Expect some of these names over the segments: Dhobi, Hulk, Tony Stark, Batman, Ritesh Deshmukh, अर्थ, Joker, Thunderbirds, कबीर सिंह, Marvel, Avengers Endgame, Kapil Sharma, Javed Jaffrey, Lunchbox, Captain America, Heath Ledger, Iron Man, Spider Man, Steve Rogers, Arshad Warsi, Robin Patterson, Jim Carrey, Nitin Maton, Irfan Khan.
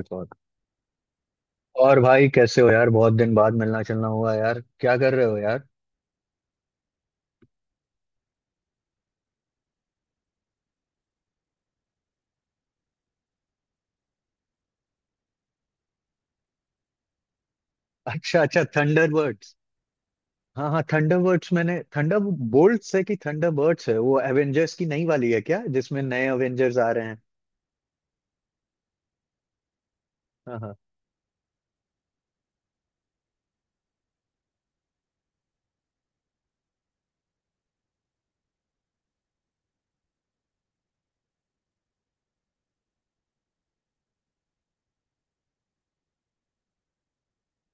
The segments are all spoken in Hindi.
रिकॉर्ड। और भाई कैसे हो यार? बहुत दिन बाद मिलना चलना हुआ यार। क्या कर रहे हो यार? अच्छा अच्छा, थंडरबर्ड्स। हाँ हाँ, थंडरबर्ड्स। मैंने थंडर बोल्ट है कि थंडरबर्ड्स है? वो एवेंजर्स की नई वाली है क्या जिसमें नए एवेंजर्स आ रहे हैं? हाँ हाँ।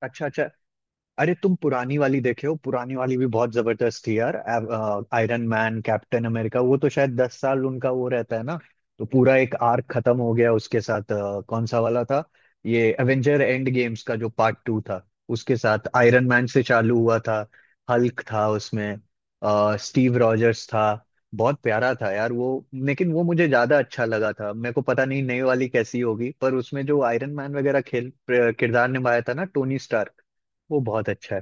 अच्छा अच्छा। अरे तुम पुरानी वाली देखे हो? पुरानी वाली भी बहुत जबरदस्त थी यार। आयरन मैन, कैप्टन अमेरिका, वो तो शायद 10 साल उनका वो रहता है ना। तो पूरा एक आर्क खत्म हो गया उसके साथ। कौन सा वाला था? ये एवेंजर एंड गेम्स का जो पार्ट टू था, उसके साथ आयरन मैन से चालू हुआ था। हल्क था उसमें। स्टीव रॉजर्स था। बहुत प्यारा था यार वो। लेकिन वो मुझे ज्यादा अच्छा लगा था। मेरे को पता नहीं नई वाली कैसी होगी, पर उसमें जो आयरन मैन वगैरह खेल किरदार निभाया था ना, टोनी स्टार वो बहुत अच्छा है।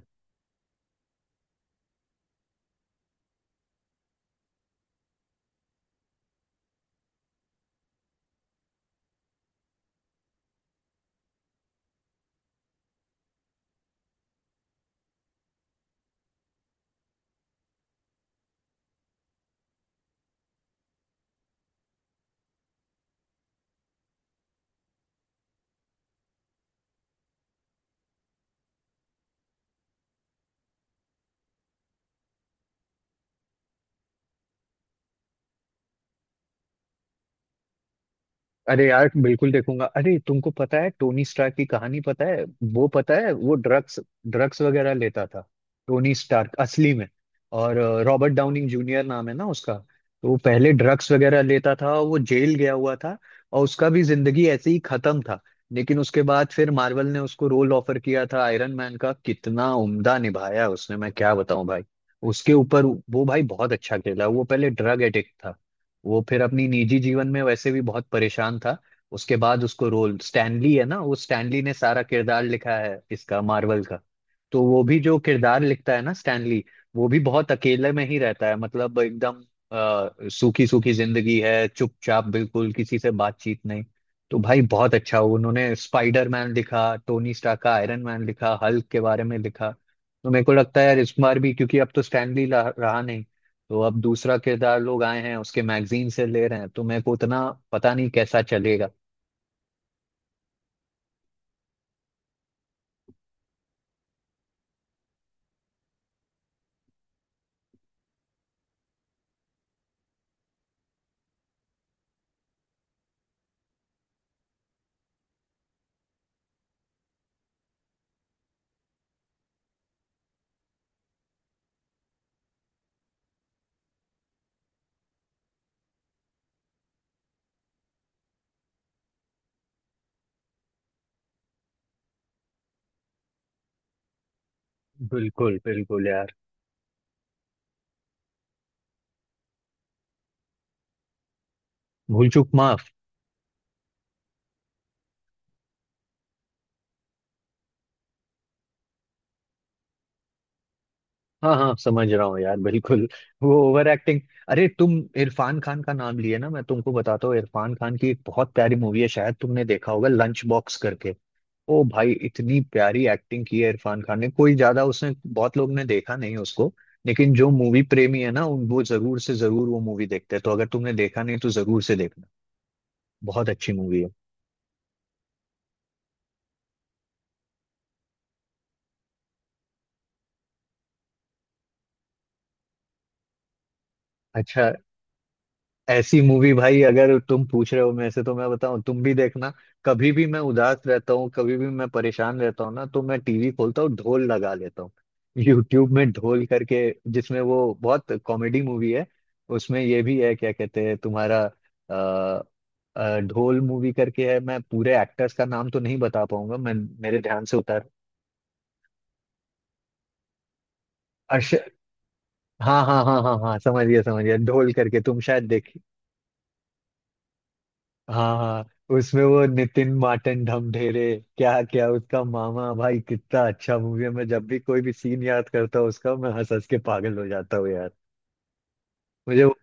अरे यार, बिल्कुल देखूंगा। अरे तुमको पता है टोनी स्टार्क की कहानी पता है? वो पता है, वो ड्रग्स ड्रग्स वगैरह लेता था, टोनी स्टार्क असली में। और रॉबर्ट डाउनिंग जूनियर नाम है ना उसका, तो वो पहले ड्रग्स वगैरह लेता था और वो जेल गया हुआ था। और उसका भी जिंदगी ऐसे ही खत्म था। लेकिन उसके बाद फिर मार्वल ने उसको रोल ऑफर किया था आयरन मैन का। कितना उम्दा निभाया उसने, मैं क्या बताऊं भाई। उसके ऊपर वो भाई बहुत अच्छा खेला। वो पहले ड्रग एडिक्ट था। वो फिर अपनी निजी जीवन में वैसे भी बहुत परेशान था। उसके बाद उसको रोल, स्टैनली है ना, वो स्टैनली ने सारा किरदार लिखा है इसका मार्वल का। तो वो भी जो किरदार लिखता है ना स्टैनली, वो भी बहुत अकेले में ही रहता है, मतलब एकदम। सूखी सूखी जिंदगी है, चुपचाप, बिल्कुल किसी से बातचीत नहीं। तो भाई बहुत अच्छा, उन्होंने स्पाइडर मैन लिखा, टोनी स्टार्क का आयरन मैन लिखा, हल्क के बारे में लिखा। तो मेरे को लगता है यार इस बार भी, क्योंकि अब तो स्टैनली रहा नहीं। तो अब दूसरा किरदार लोग आए हैं, उसके मैगजीन से ले रहे हैं, तो मेरे को उतना पता नहीं कैसा चलेगा। बिल्कुल बिल्कुल यार। भूल चूक माफ। हाँ हाँ, समझ रहा हूँ यार, बिल्कुल। वो ओवर एक्टिंग। अरे तुम इरफान खान का नाम लिए ना, मैं तुमको बताता हूँ, इरफान खान की एक बहुत प्यारी मूवी है, शायद तुमने देखा होगा, लंच बॉक्स करके। ओ भाई, इतनी प्यारी एक्टिंग की है इरफान खान ने, कोई ज्यादा उसने बहुत लोग ने देखा नहीं उसको। लेकिन जो मूवी प्रेमी है ना, वो जरूर से जरूर वो मूवी देखते हैं, तो अगर तुमने देखा नहीं तो जरूर से देखना। बहुत अच्छी मूवी है। अच्छा। ऐसी मूवी भाई, अगर तुम पूछ रहे हो मेरे से तो मैं बताऊं, तुम भी देखना। कभी भी मैं उदास रहता हूँ, कभी भी मैं परेशान रहता हूँ ना, तो मैं टीवी खोलता हूँ, ढोल लगा लेता हूँ। यूट्यूब में ढोल करके। जिसमें वो बहुत कॉमेडी मूवी है। उसमें ये भी है, क्या कहते हैं तुम्हारा, अ, ढोल मूवी करके है। मैं पूरे एक्टर्स का नाम तो नहीं बता पाऊंगा मैं। मेरे ध्यान से उतार। अर्श हाँ हाँ हाँ हाँ हाँ, समझ गया समझ गया, ढोल करके तुम शायद देख। हाँ हाँ, उसमें वो नितिन माटन ढमढेरे। क्या क्या उसका मामा भाई, कितना अच्छा मूवी है, मैं जब भी कोई भी सीन याद करता हूँ उसका, मैं हंस हंस के पागल हो जाता हूँ यार। मुझे वो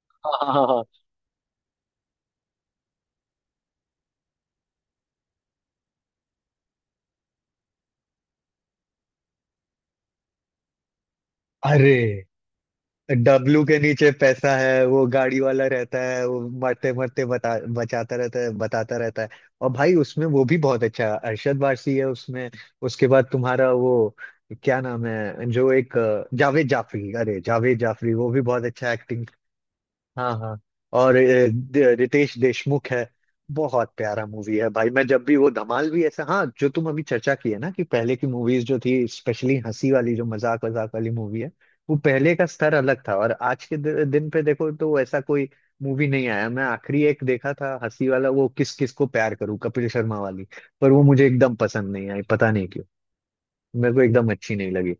हाँ हाँ हाँ हाँ। अरे, डब्लू के नीचे पैसा है, वो गाड़ी वाला रहता है, वो मरते मरते बता बचाता रहता है, बताता रहता है। और भाई उसमें वो भी बहुत अच्छा है, अरशद वारसी है उसमें। उसके बाद तुम्हारा वो क्या नाम है, जो एक जावेद जाफरी, अरे जावेद जाफरी, वो भी बहुत अच्छा एक्टिंग। हाँ हाँ। और रितेश देशमुख है। बहुत प्यारा मूवी है भाई। मैं जब भी वो धमाल भी ऐसा, हाँ, जो तुम अभी चर्चा की है ना कि पहले की मूवीज जो थी, स्पेशली हंसी वाली, जो मजाक मजाक वाली मूवी है। वो पहले का स्तर अलग था, और आज के दिन पे देखो तो ऐसा कोई मूवी नहीं आया। मैं आखिरी एक देखा था हंसी वाला, वो किस किस को प्यार करूं, कपिल शर्मा वाली। पर वो मुझे एकदम पसंद नहीं आई, पता नहीं क्यों। मेरे को एकदम अच्छी नहीं लगी।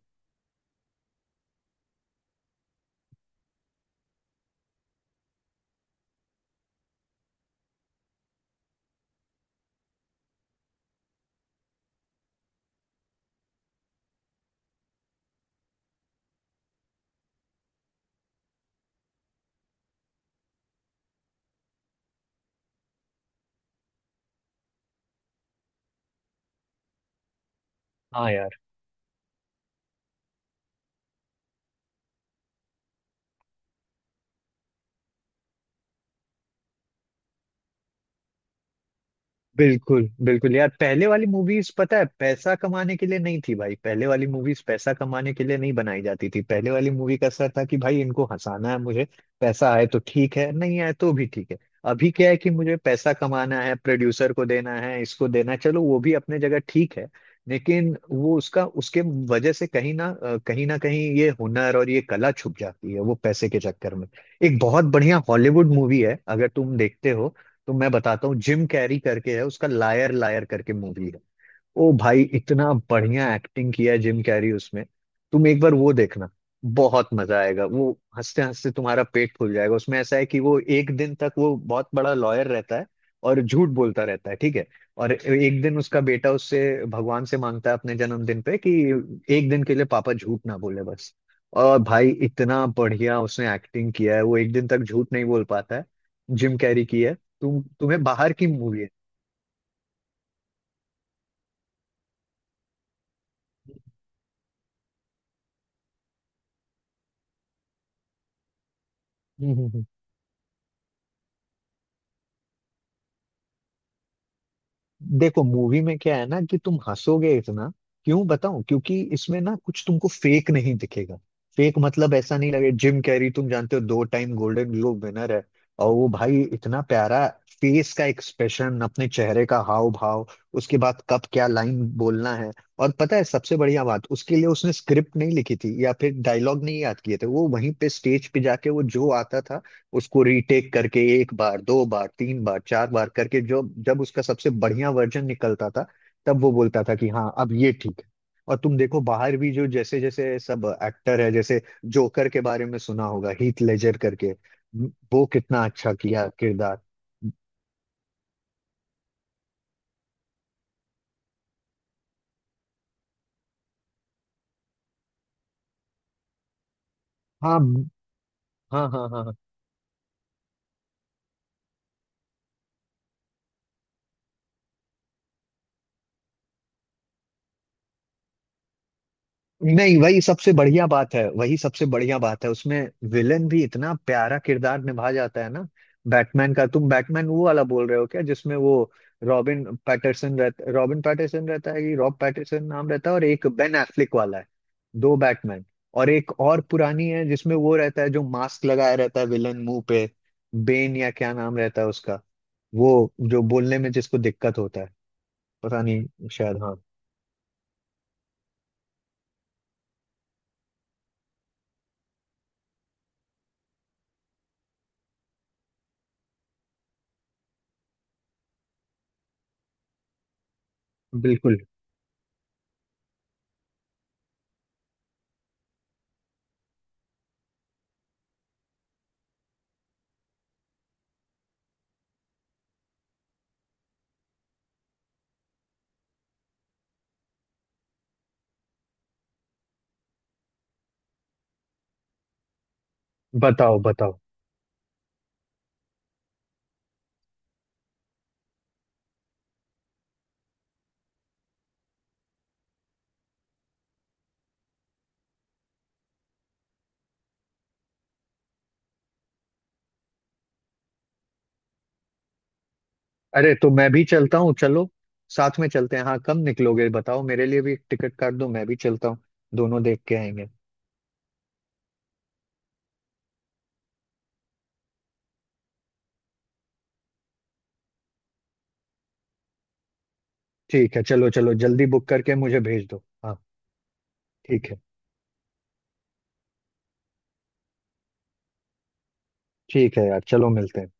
बिल्कुल बिल्कुल यार। पहले वाली मूवीज पता है पैसा कमाने के लिए नहीं थी भाई, पहले वाली मूवीज पैसा कमाने के लिए नहीं बनाई जाती थी, पहले वाली मूवी का असर था कि भाई इनको हंसाना है मुझे। पैसा आए तो ठीक है, नहीं आए तो भी ठीक है। अभी क्या है कि मुझे पैसा कमाना है, प्रोड्यूसर को देना है, इसको देना है, चलो वो भी अपने जगह ठीक है। लेकिन वो उसका उसके वजह से, कहीं ना कहीं ये हुनर और ये कला छुप जाती है वो पैसे के चक्कर में। एक बहुत बढ़िया हॉलीवुड मूवी है, अगर तुम देखते हो तो मैं बताता हूँ। जिम कैरी करके है उसका, लायर लायर करके मूवी है। ओ भाई, इतना बढ़िया एक्टिंग किया है जिम कैरी उसमें। तुम एक बार वो देखना। बहुत मजा आएगा वो। हंसते हंसते तुम्हारा पेट फूल जाएगा। उसमें ऐसा है कि वो एक दिन तक वो बहुत बड़ा लॉयर रहता है। और झूठ बोलता रहता है, ठीक है। और एक दिन उसका बेटा उससे, भगवान से मांगता है अपने जन्मदिन पे कि एक दिन के लिए पापा झूठ ना बोले, बस। और भाई इतना बढ़िया उसने एक्टिंग किया है, वो एक दिन तक झूठ नहीं बोल पाता है। जिम कैरी की है। तुम्हें बाहर की मूवी है देखो मूवी में क्या है ना कि तुम हंसोगे इतना, क्यों बताऊं, क्योंकि इसमें ना कुछ तुमको फेक नहीं दिखेगा। फेक मतलब ऐसा नहीं लगे। जिम कैरी तुम जानते हो दो टाइम गोल्डन ग्लोब विनर है। और वो भाई इतना प्यारा, फेस का एक्सप्रेशन, अपने चेहरे का हाव भाव, उसके बाद कब क्या लाइन बोलना है। और पता है सबसे बढ़िया बात, उसके लिए उसने स्क्रिप्ट नहीं लिखी थी या फिर डायलॉग नहीं याद किए थे, वो वहीं पे स्टेज पे जाके वो जो आता था, उसको रीटेक करके एक बार, दो बार, तीन बार, चार बार करके, जो जब उसका सबसे बढ़िया वर्जन निकलता था, तब वो बोलता था कि हाँ अब ये ठीक है। और तुम देखो बाहर भी जो जैसे जैसे सब एक्टर है, जैसे जोकर के बारे में सुना होगा, हीथ लेजर करके, वो कितना अच्छा किया किरदार। हाँ हाँ हाँ हाँ। नहीं, वही सबसे बढ़िया बात है, वही सबसे बढ़िया बात है उसमें। विलन भी इतना प्यारा किरदार निभा जाता है ना। बैटमैन का, तुम बैटमैन वो वाला बोल रहे हो क्या जिसमें वो रॉबिन पैटरसन रहता है, कि रॉब पैटरसन नाम रहता है, और एक बेन एफ्लिक वाला है। दो बैटमैन। और एक और पुरानी है जिसमें वो रहता है जो मास्क लगाया रहता है विलन, मुंह पे। बेन या क्या नाम रहता है उसका, वो जो बोलने में जिसको दिक्कत होता है। पता नहीं, शायद हाँ। बिल्कुल। बताओ बताओ। अरे तो मैं भी चलता हूँ चलो। साथ में चलते हैं, हाँ। कब निकलोगे बताओ? मेरे लिए भी एक टिकट काट दो, मैं भी चलता हूँ। दोनों देख के आएंगे। ठीक है, चलो चलो, जल्दी बुक करके मुझे भेज दो, हाँ। ठीक है। ठीक है यार, चलो मिलते हैं।